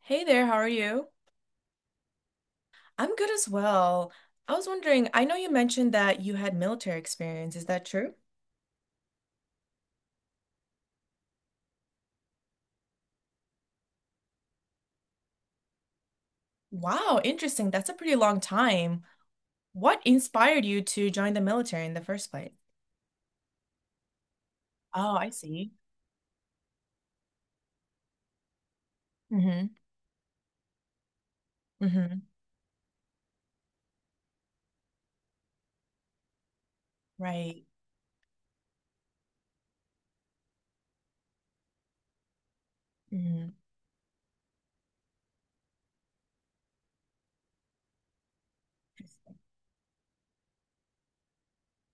Hey there, how are you? I'm good as well. I was wondering, I know you mentioned that you had military experience. Is that true? Wow, interesting. That's a pretty long time. What inspired you to join the military in the first place? Oh, I see. Mm-hmm. Mm-hmm. Right. Mm-hmm.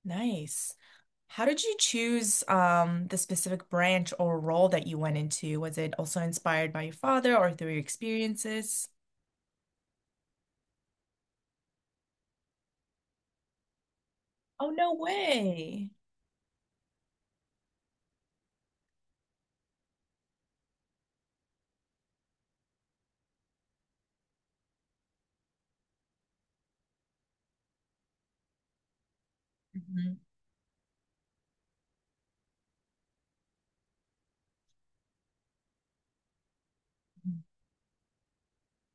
Nice. How did you choose the specific branch or role that you went into? Was it also inspired by your father or through your experiences? Oh, no way. Mhm.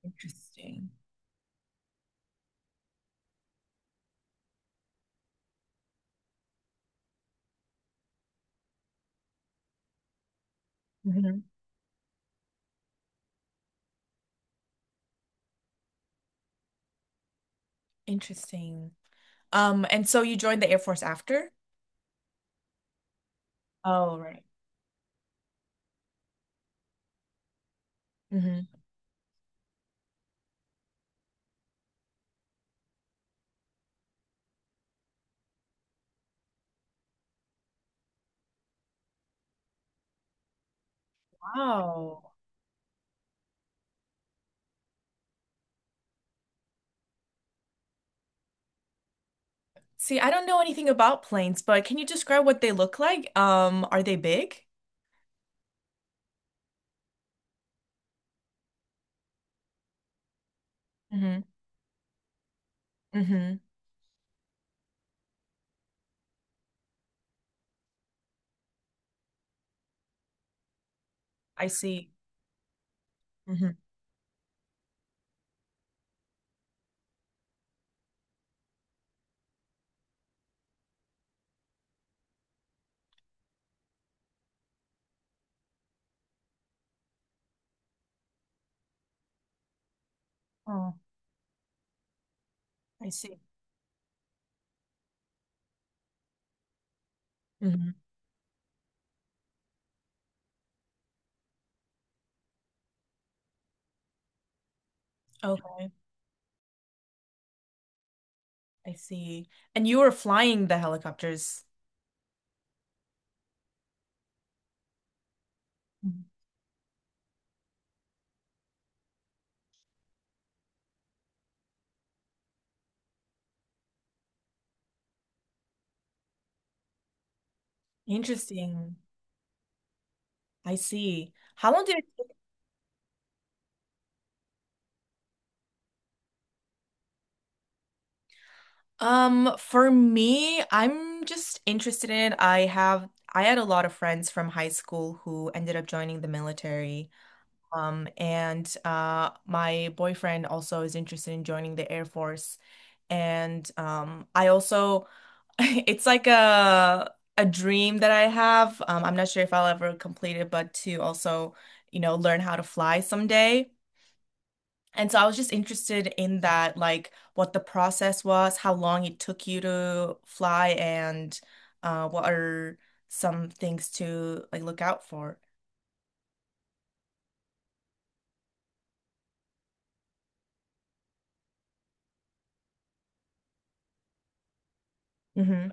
Interesting. Hmm. Interesting. And so you joined the Air Force after? Oh, right. Hmm. Wow. See, I don't know anything about planes, but can you describe what they look like? Are they big? Hmm. Mm-hmm. I see. Mm-hmm. Oh, I see. Mm-hmm. Okay, I see. And you were flying the helicopters. Mhm. Interesting. I see. How long did it— um, for me, I'm just interested in I had a lot of friends from high school who ended up joining the military. And my boyfriend also is interested in joining the Air Force. And I also it's like a dream that I have. I'm not sure if I'll ever complete it, but to also, learn how to fly someday. And so I was just interested in that, like what the process was, how long it took you to fly, and what are some things to like look out for. Mm-hmm.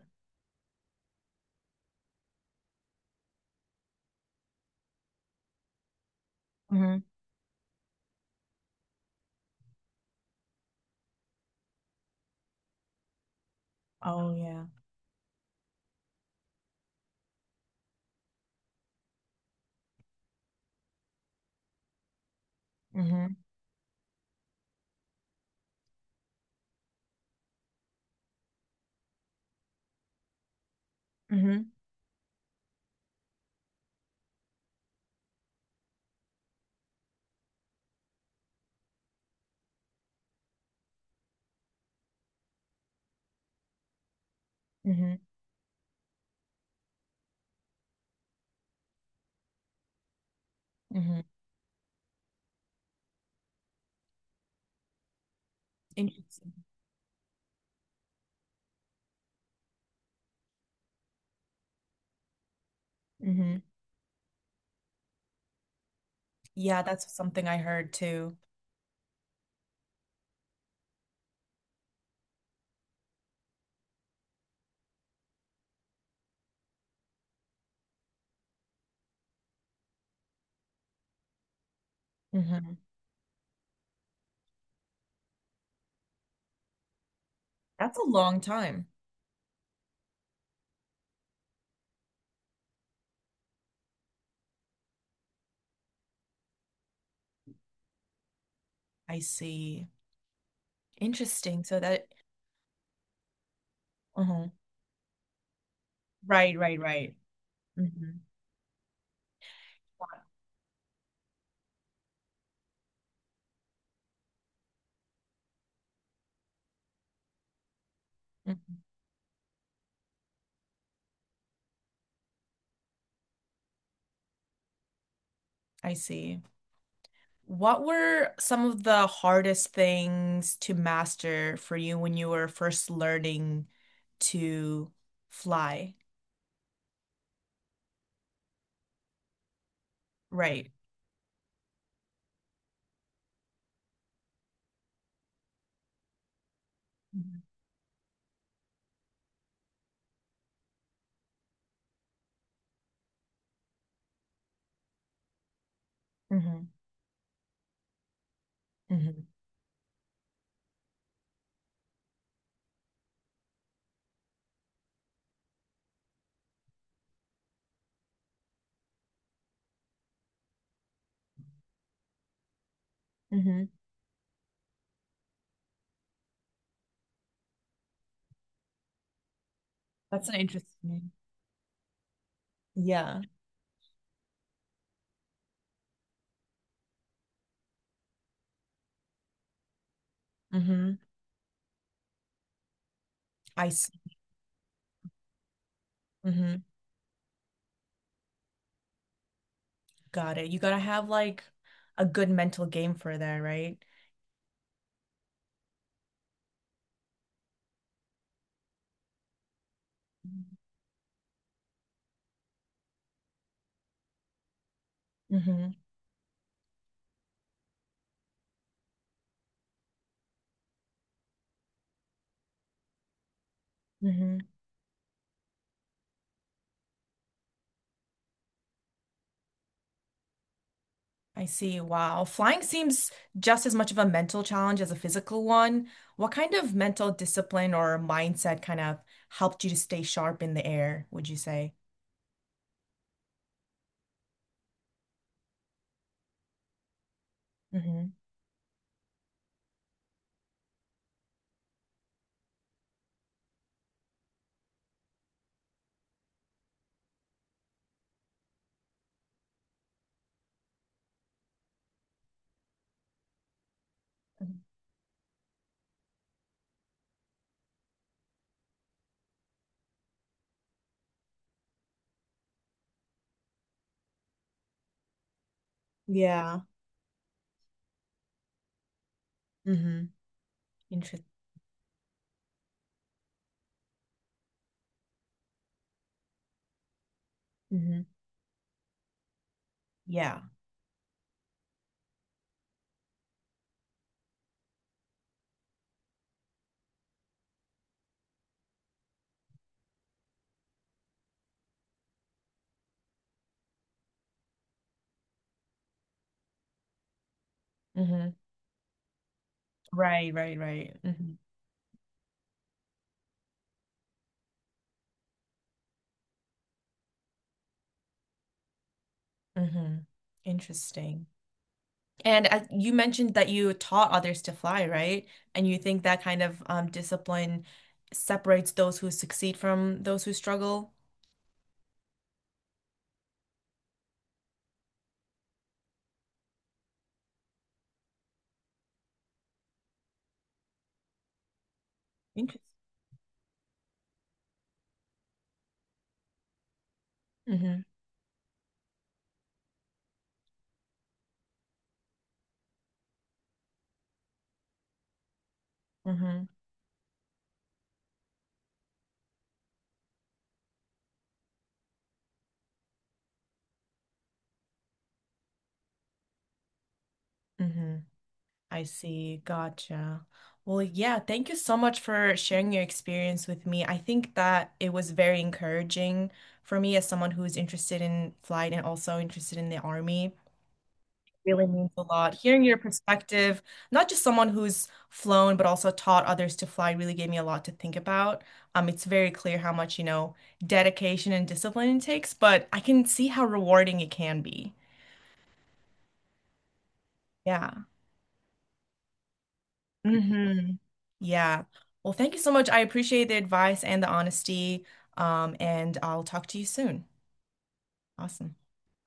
Mm-hmm. Oh yeah. Mm-hmm. Mm-hmm. Mm-hmm. Mm-hmm. Interesting. Mm-hmm. Yeah, that's something I heard too. Mm-hmm. That's a long time. I see. Interesting. So that, uh, right, right, right. Mm. Mhm. I see. What were some of the hardest things to master for you when you were first learning to fly? Right. Mm-hmm. Hmm. Hmm. That's an interesting. Yeah. Hmm. I see. Hmm. Got it. You gotta have like a good mental game for that, right? Hmm. Hmm. I see. Wow. Flying seems just as much of a mental challenge as a physical one. What kind of mental discipline or mindset kind of helped you to stay sharp in the air, would you say? Mm-hmm. Yeah. Mm-hmm. Interesting. Mm-hmm. Yeah. Mm-hmm. Right, right, right. Mm-hmm. Mm-hmm. Interesting. And you mentioned that you taught others to fly, right? And you think that kind of discipline separates those who succeed from those who struggle? Interesting. Mm-hmm. Mm-hmm. Mm-hmm. I see. Gotcha. Well, yeah, thank you so much for sharing your experience with me. I think that it was very encouraging for me as someone who is interested in flight and also interested in the army. Really means a lot. Hearing your perspective, not just someone who's flown, but also taught others to fly, really gave me a lot to think about. It's very clear how much, you know, dedication and discipline it takes, but I can see how rewarding it can be. Yeah. Hmm. Yeah. Well, thank you so much. I appreciate the advice and the honesty. And I'll talk to you soon. Awesome.